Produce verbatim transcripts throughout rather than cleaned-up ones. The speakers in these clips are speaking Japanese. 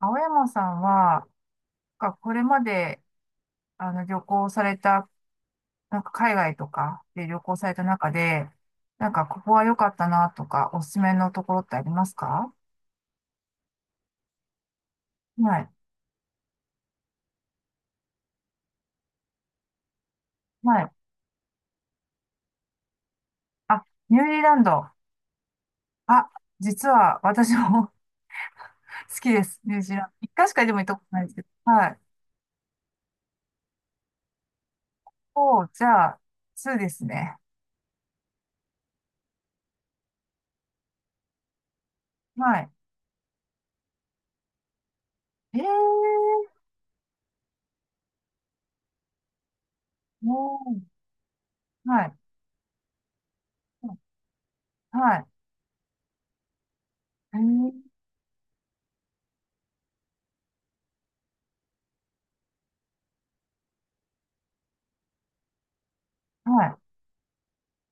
青山さんは、なんかこれまで、あの、旅行された、なんか海外とかで旅行された中で、なんかここは良かったなとか、おすすめのところってありますか？はい。はい。あ、ニュージーランド。あ、実は私も 好きです。ニュージーランド。一回しかでも行ったことないですけど。はい。お、じゃあ、にですね。はい。えー、おー、はい。はい。えー、はい。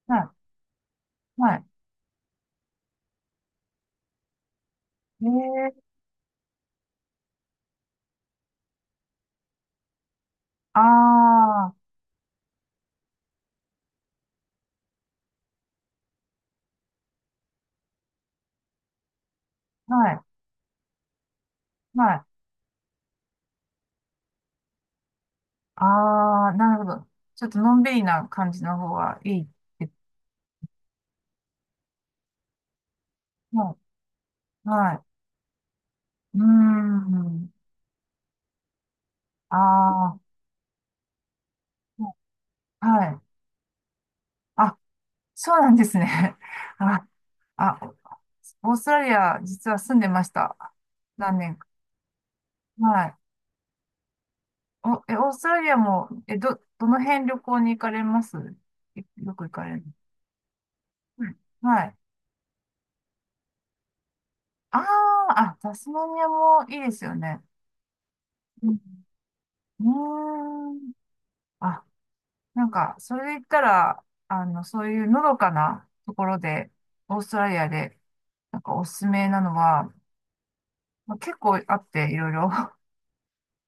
はい。はい。えー、あー。はい。はい。ああ、なるほど。ちょっとのんびりな感じの方がいいって。はい。はい。うーん。ああ、はい。あ、そうなんですね。あ、あ、オーストラリア、実は住んでました。何年か。はい。お、え、オーストラリアも、え、ど、どの辺旅行に行かれます、いよく行かれる？うん、はい。ああ、あ、タスマニアもいいですよね。うん。うーん。あ、なんか、それで言ったら、あの、そういうのどかなところで、オーストラリアで、なんかおすすめなのは、まあ、結構あって、いろいろ。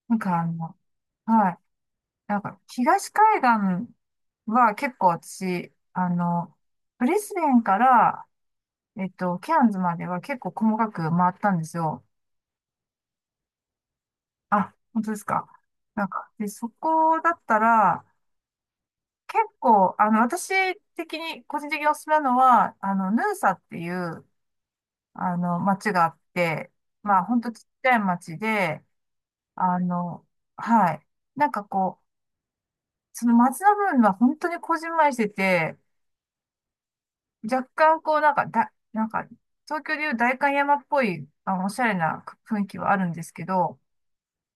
なんかあの、はい。なんか、東海岸は結構私、あの、ブリスベンから、えっと、ケアンズまでは結構細かく回ったんですよ。あ、本当ですか？なんか、で、そこだったら、結構、あの、私的に、個人的におすすめなのは、あの、ヌーサっていう、あの、町があって、まあ、ほんとちっちゃい町で、あの、はい。なんかこう、その町の部分は本当にこじんまりしてて、若干こう、なんか、だ、なんか、東京でいう代官山っぽい、あの、おしゃれな雰囲気はあるんですけど、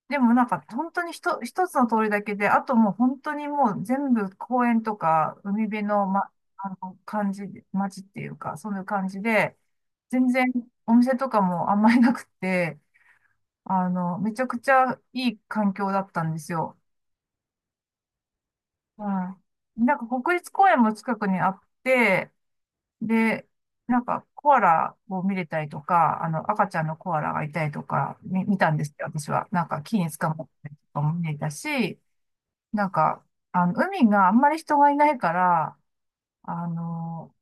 でもなんか、本当にひと、一つの通りだけで、あともう本当にもう全部公園とか、海辺の、ま、あの、感じ、町っていうか、そういう感じで、全然お店とかもあんまりなくて、あの、めちゃくちゃいい環境だったんですよ。はい。なんか国立公園も近くにあって、で、なんかコアラを見れたりとか、あの、赤ちゃんのコアラがいたりとか、み見たんですよ、私は。なんか木に捕まったりとかも見れたし、なんか、あの、海があんまり人がいないから、あの、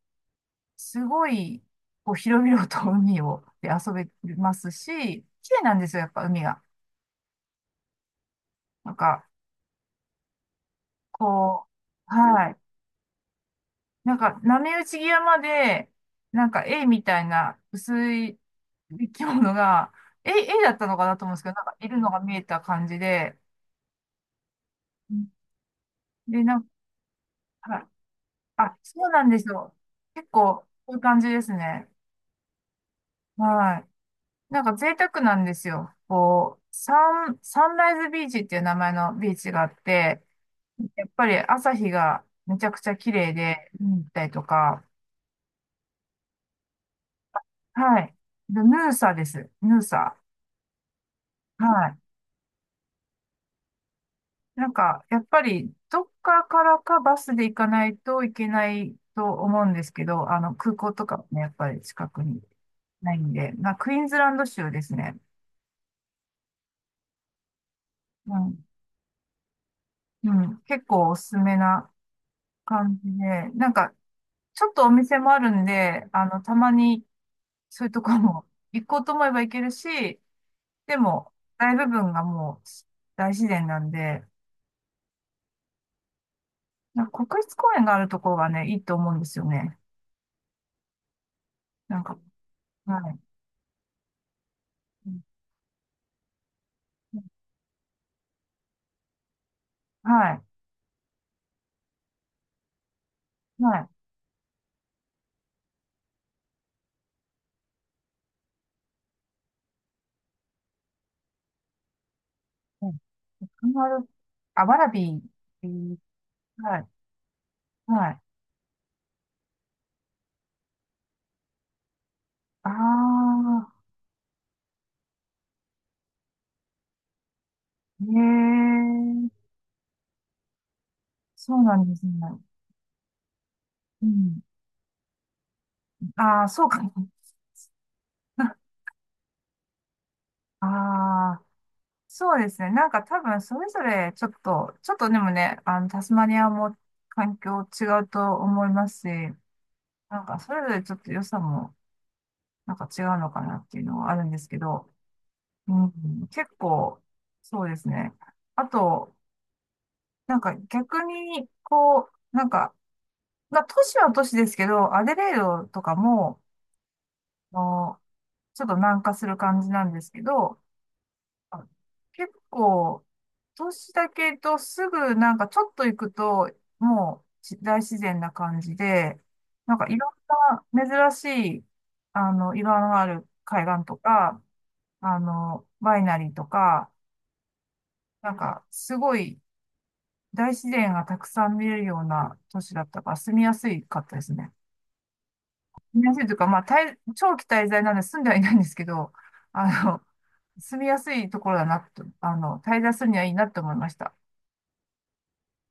すごい、こう、広々と海を、で遊べますし、綺麗なんですよ、やっぱ海が。なんか、こう、はい。なんか、波打ち際まで、なんか、絵みたいな薄い生き物が、絵、絵だったのかなと思うんですけど、なんか、いるのが見えた感じで、うん、で、なんか、あ、そうなんですよ。結構、こういう感じですね。はい。なんか、贅沢なんですよ。こう、サン、サンライズビーチっていう名前のビーチがあって、やっぱり朝日がめちゃくちゃ綺麗で、見に行ったりとか、はい。でヌーサです。ヌーサ。はい。なんか、やっぱり、どっかからかバスで行かないといけないと思うんですけど、あの、空港とかもね、やっぱり近くにないんで、まあクイーンズランド州ですね。うん、うん、結構おすすめな感じで、なんか、ちょっとお店もあるんで、あの、たまにそういうとこも 行こうと思えば行けるし、でも、大部分がもう大自然なんで、なんか国立公園があるところがね、いいと思うんですよね。なんか、はい。うん、はい。はい。うん。カンガルー、あ、ワラビー。えー、はい。はい。ああ、ええ、そうなんですね。うん。ああ、そうか。ああ、そうですね。なんか多分それぞれちょっと、ちょっとでもね、あの、タスマニアも環境違うと思いますし、なんかそれぞれちょっと良さもなんか違うのかなっていうのはあるんですけど、うん、結構、そうですね。あと、なんか逆に、こう、なんか、まあ、都市は都市ですけど、アデレードとかも、あの、ちょっと南下する感じなんですけど、あ、結構、都市だけどすぐなんかちょっと行くと、もうち大自然な感じで、なんかいろんな珍しい、あの、岩のある海岸とか、あの、ワイナリーとか、なんかすごい大自然がたくさん見れるような都市だったから住みやすいかったですね。住みやすいというか、まあ、滞長期滞在なんで住んではいないんですけど、あの、住みやすいところだなと、あの、滞在するにはいいなと思いました。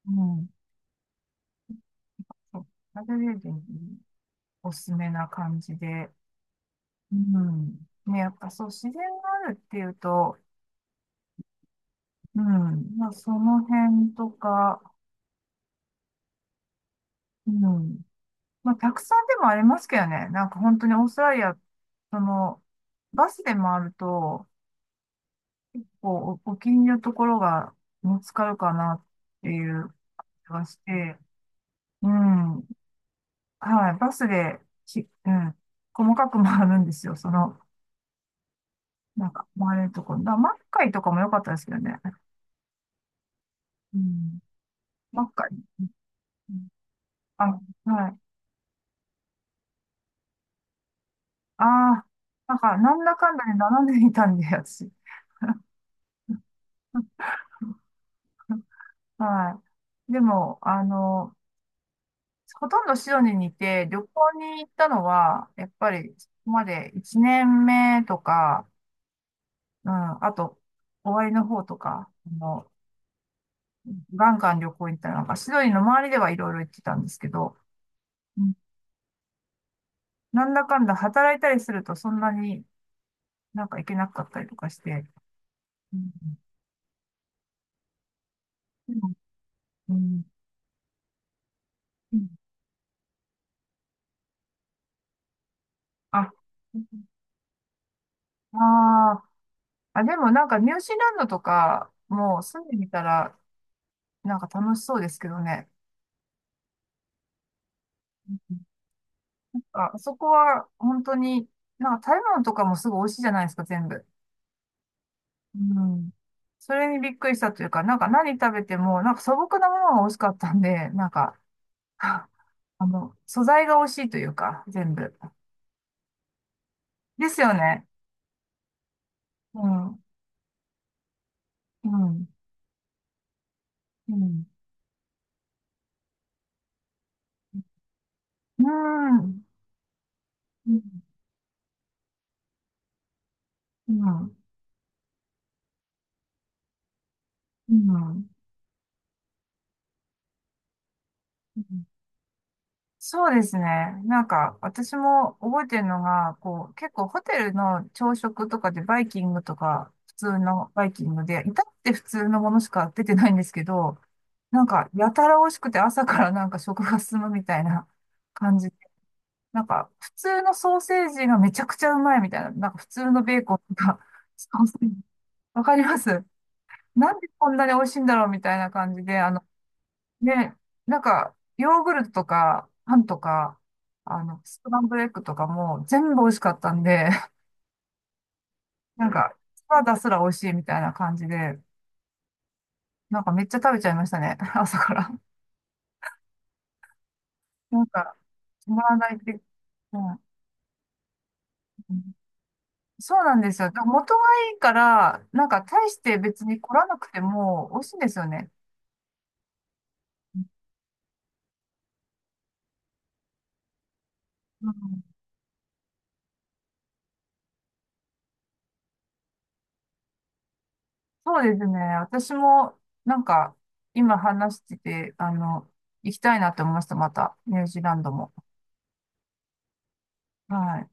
うん。そう。ナルェリア人におすすめな感じで。うん。ね、やっぱそう、自然があるっていうと、うん。まあ、その辺とか、うん。まあ、客さんでもありますけどね。なんか本当にオーストラリア、その、バスで回ると、こう、お、お気に入りのところが見つかるかなっていう気がして、うん。はい。バスで、し、うん。細かく回るんですよ。その、なんか回れるところ。だからマッカイとかも良かったですけどね。うん。マッカイ。うん、あ、はい。ああ、なんか、なんだかんだで並んでいたんで、私。はい。でも、あの、ほとんどシドニーにいて、旅行に行ったのは、やっぱり、そこまでいちねんめとか、うん、あと、終わりの方とか、あの、ガンガン旅行に行ったりなんか、シドニーの周りではいろいろ行ってたんですけど、うん、なんだかんだ働いたりするとそんなになんか行けなかったりとかして、うん、でも、うん、うん、あ、あー、あ、でもなんかニュージーランドとかもう住んでみたらなんか楽しそうですけどね。あ、あそこは本当に、なんか食べ物とかもすぐ美味しいじゃないですか、全部。うん。それにびっくりしたというか、なんか何食べても、なんか素朴なものが美味しかったんで、なんか、あの、素材が美味しいというか、全部。ですよね。うん。うん。うん。うん。うん。うん。うん。うん、そうですね。なんか、私も覚えてるのが、こう、結構ホテルの朝食とかでバイキングとか、普通のバイキングで、至って普通のものしか出てないんですけど、なんか、やたら美味しくて朝からなんか食が進むみたいな感じで、なんか、普通のソーセージがめちゃくちゃうまいみたいな、なんか普通のベーコンとか、ソーセージわかります。なんでこんなに美味しいんだろうみたいな感じで、あ、ね、なんか、ヨーグルトとか、パンとか、あの、スクランブルエッグとかも全部美味しかったんで、なんん。か、サラダすら美味しいみたいな感じで、なんかめっちゃ食べちゃいましたね、朝から。なんか、止まらないって、うん、うん、そうなんですよ。だから元がいいから、なんか大して別に凝らなくても美味しいんですよね。うん、そうですね。私も、なんか、今話してて、あの、行きたいなって思いました、また、ニュージーランドも。はい。